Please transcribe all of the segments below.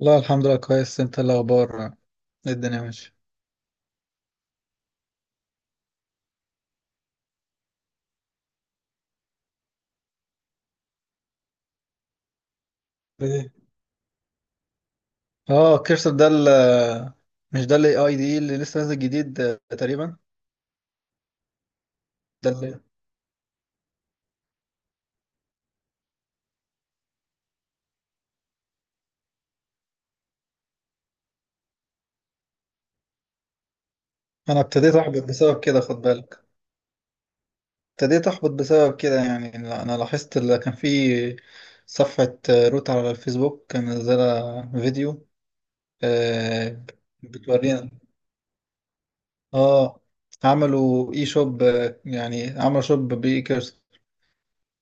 لا، الحمد لله كويس. انت إيه الاخبار؟ إيه الدنيا ماشي؟ ايه. اه كيرسر ده مش ده الاي اي دي اللي لسه نازل جديد تقريبا. ده اللي انا ابتديت احبط بسبب كده، خد بالك. ابتديت احبط بسبب كده. يعني لا، انا لاحظت اللي كان في صفحة روت على الفيسبوك كان منزلة فيديو، آه، بتورينا. اه، عملوا اي شوب، يعني عملوا شوب باي كيرسر.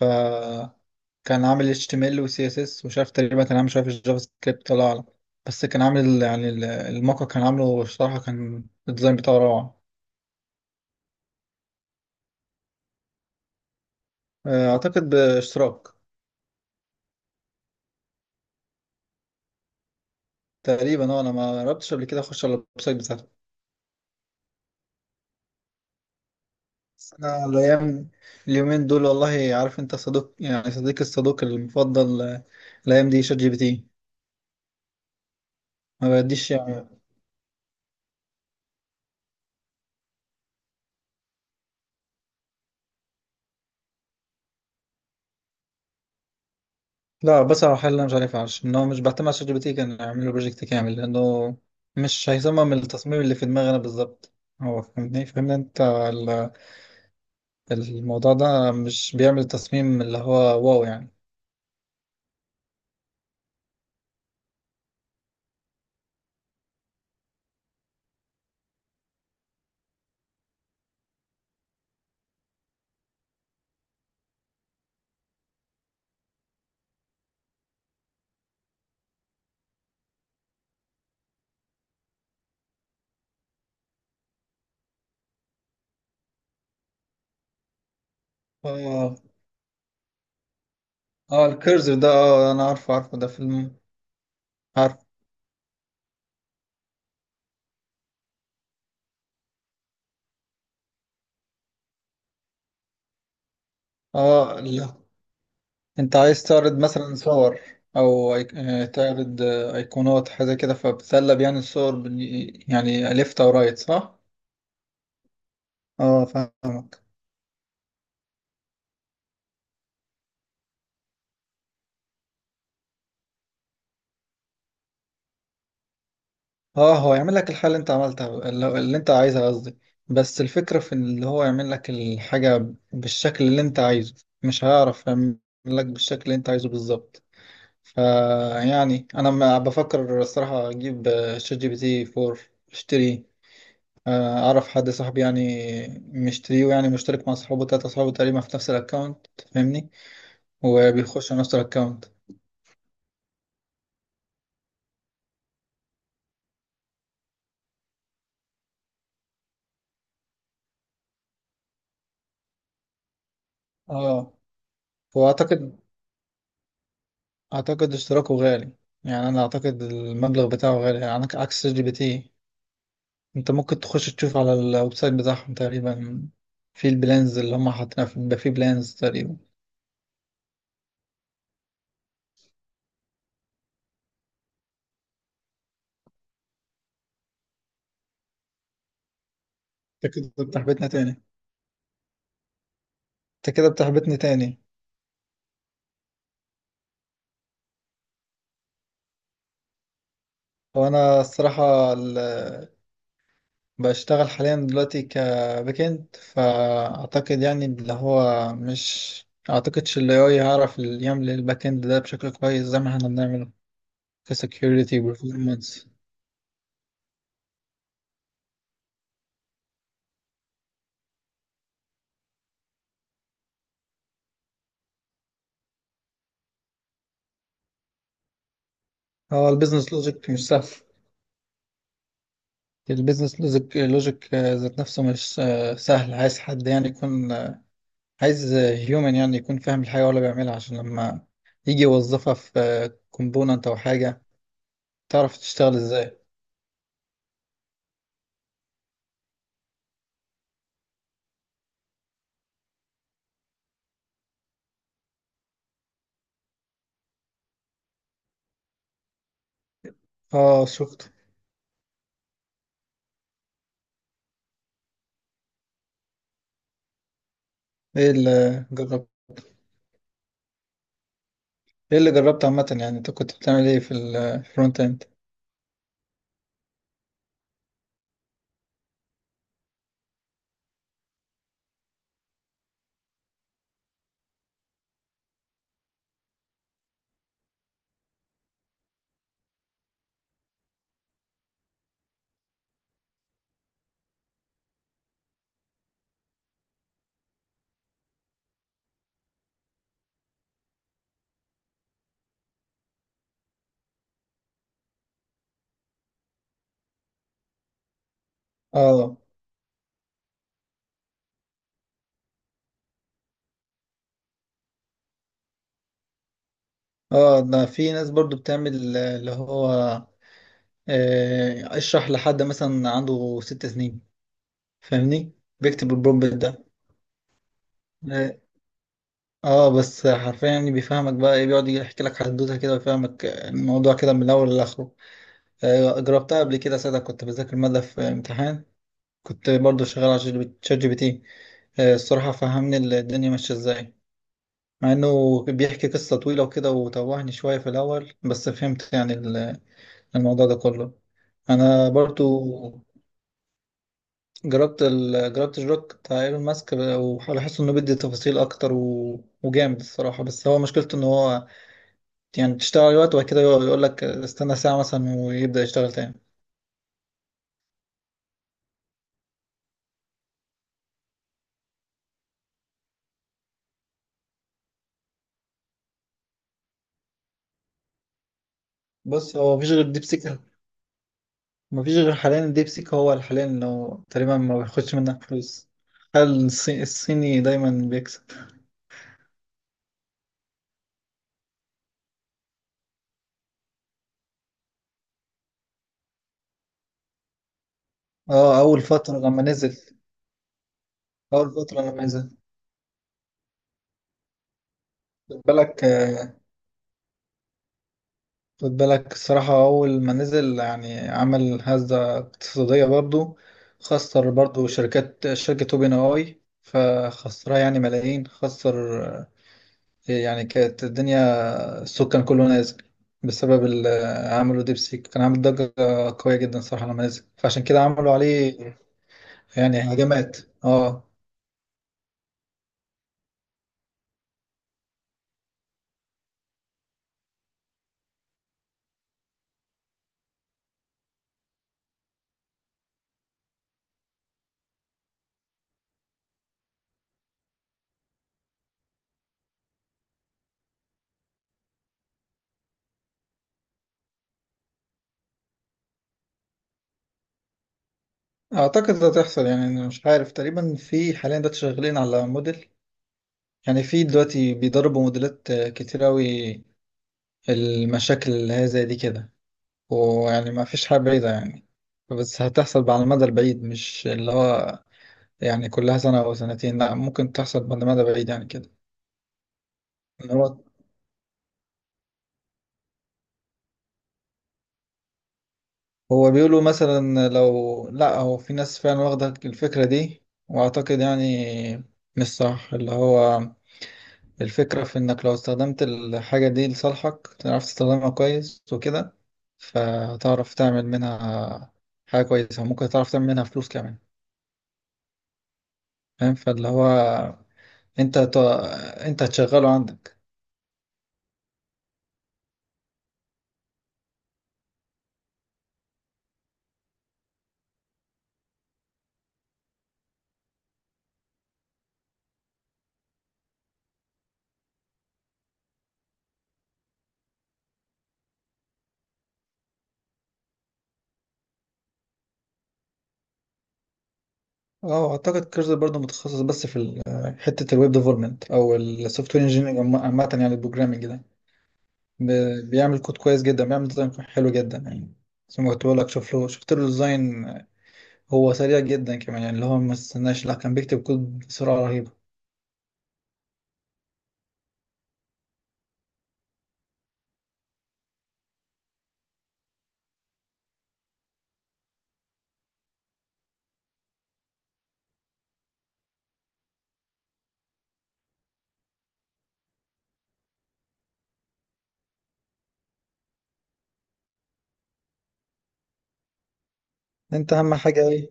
فكان عامل HTML و CSS ومش عارف، تقريبا كان عامل شوية في الجافا سكريبت، الله أعلم. بس كان عامل يعني الموقع، كان عامله الصراحة، كان الديزاين بتاعه روعة. أعتقد باشتراك. تقريبا اه، أنا ما جربتش قبل كده أخش على الويب سايت بتاعته. بس أنا الأيام اليومين دول والله، عارف أنت صديق يعني صديق الصدوق المفضل، الأيام دي شات جي بي تي ما بديش. لا بصراحة، الحل اللي أنا مش عارف عارف إن هو مش بعتمد على شات جي بي تي، كان أعمل له بروجكت كامل، لأنه مش هيصمم التصميم اللي في دماغي أنا بالظبط. هو فهمني أنت الموضوع ده مش بيعمل تصميم اللي هو واو يعني. آه. آه الكيرسر ده، آه أنا عارفه ده في عارف. آه لا، أنت عايز تعرض مثلا صور أو أيك... آه، تعرض أيقونات حاجة كده، فبتسلب يعني الصور يعني ليفت أو رايت، صح؟ آه فاهم. اه هو يعمل لك الحاجة اللي انت عملتها، اللي انت عايزها قصدي. بس الفكرة في اللي هو يعمل لك الحاجة بالشكل اللي انت عايزه. مش هيعرف يعمل لك بالشكل اللي انت عايزه بالظبط. فيعني انا ما بفكر الصراحة اجيب، شات جي بي تي 4 اشتري. اعرف حد صاحبي يعني مشتريه، يعني مشترك مع اصحابه تلاتة اصحابه تقريبا في نفس الاكونت، فاهمني؟ وبيخشوا نفس الاكونت. اه. واعتقد اعتقد اشتراكه غالي، يعني انا اعتقد المبلغ بتاعه غالي يعني عكس شات جي بي تي. انت ممكن تخش تشوف على الويب سايت بتاعهم تقريبا، في البلانز اللي هم حاطينها بيبقى في بلانز تقريبا. انت كده بتحبطني تاني. انت كده بتحبطني تاني. هو انا الصراحة بشتغل حاليا دلوقتي كباك اند، فاعتقد يعني اللي هو مش اعتقدش ال AI هيعرف يعمل الباك اند ده بشكل كويس زي ما احنا بنعمله كسكيورتي وبرفورمانس. هو البيزنس لوجيك مش سهل. البيزنس لوجيك لوجيك ذات نفسه مش، سهل. عايز حد يعني يكون، عايز هيومن يعني يكون فاهم الحاجة ولا بيعملها، عشان لما يجي يوظفها في كومبوننت أو حاجة تعرف تشتغل ازاي. اه شفت. ايه اللي جربت؟ ايه اللي جربت عامة؟ يعني انت كنت بتعمل ايه في الفرونت اند؟ اه. اه ده في ناس برضو بتعمل، اللي هو، اشرح لحد مثلا عنده ست سنين، فاهمني؟ بيكتب البرومبت ده. آه، اه بس حرفيا يعني بيفهمك بقى ايه، بيقعد يحكي لك حدوته كده ويفهمك الموضوع كده من الاول لاخره. جربتها قبل كده، ساعتها كنت بذاكر ماده في امتحان. كنت برضو شغال على شات جي بي تي، الصراحه فهمني الدنيا ماشيه ازاي، مع انه بيحكي قصه طويله وكده وتوهني شويه في الاول، بس فهمت يعني الموضوع ده كله. انا برضو جربت الروك بتاع ايلون ماسك، وبحس انه بيدي تفاصيل اكتر وجامد الصراحه، بس هو مشكلته ان هو يعني تشتغل وقت وبعد كده يقول لك استنى ساعة مثلا ويبدأ يشتغل تاني. بص هو مفيش غير ديبسيك. مفيش غير حاليا الديبسيك هو حاليا اللي هو تقريبا ما بياخدش منك فلوس. هل الصيني دايما بيكسب؟ اه أول فترة لما نزل. أول فترة لما نزل خد بالك، خد بالك الصراحة. أول ما نزل يعني عمل هزة اقتصادية برضو. خسر برضو شركات، شركة أوبن أي فخسرها يعني ملايين. خسر، يعني كانت الدنيا، الصوت كان كله نازل بسبب عملوا ديبسيك، كان عامل ضجة قوية جدا صراحة لما نزل، فعشان كده عملوا عليه يعني هجمات. اه. اعتقد ده تحصل، يعني أنا مش عارف، تقريبا في حاليا دلوقتي شغالين على موديل. يعني في دلوقتي بيدربوا موديلات، كتير اوي المشاكل اللي هي زي دي كده. ويعني ما فيش حاجة بعيدة يعني. بس هتحصل على المدى البعيد، مش اللي هو يعني كلها سنة أو سنتين، لا ممكن تحصل على المدى البعيد يعني كده. إن هو هو بيقولوا مثلا، لو لا هو في ناس فعلا واخدة الفكرة دي، واعتقد يعني مش صح اللي هو، الفكرة في انك لو استخدمت الحاجة دي لصالحك، تعرف تستخدمها كويس وكده، فتعرف تعمل منها حاجة كويسة، ممكن تعرف تعمل منها فلوس كمان، فاهم؟ فاللي هو انت انت هتشغله عندك. اه اعتقد كيرزر برضه متخصص بس في حتة الويب ديفلوبمنت او السوفت وير انجينيرنج عامة، يعني البروجرامنج ده. بيعمل كود كويس جدا، بيعمل ديزاين حلو جدا يعني، زي ما قلت لك، شوف له شفت له ديزاين. هو سريع جدا كمان، يعني اللي هو ما استناش لا، كان بيكتب كود بسرعة رهيبة. انت اهم حاجة ايه؟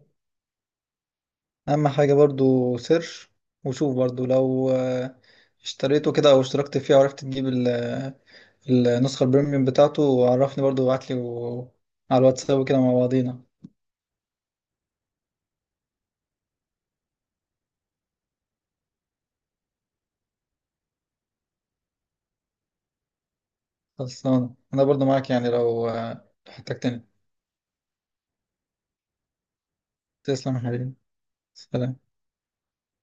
اهم حاجة برضو سيرش وشوف برضو لو، اشتريته كده او اشتركت فيه، وعرفت تجيب النسخة البريميوم بتاعته، وعرفني برضو وابعتلي على الواتساب كده مع بعضينا. خلصانة، انا برضو معاك يعني لو، لو احتجتني. تسلم يا حبيبي. سلام.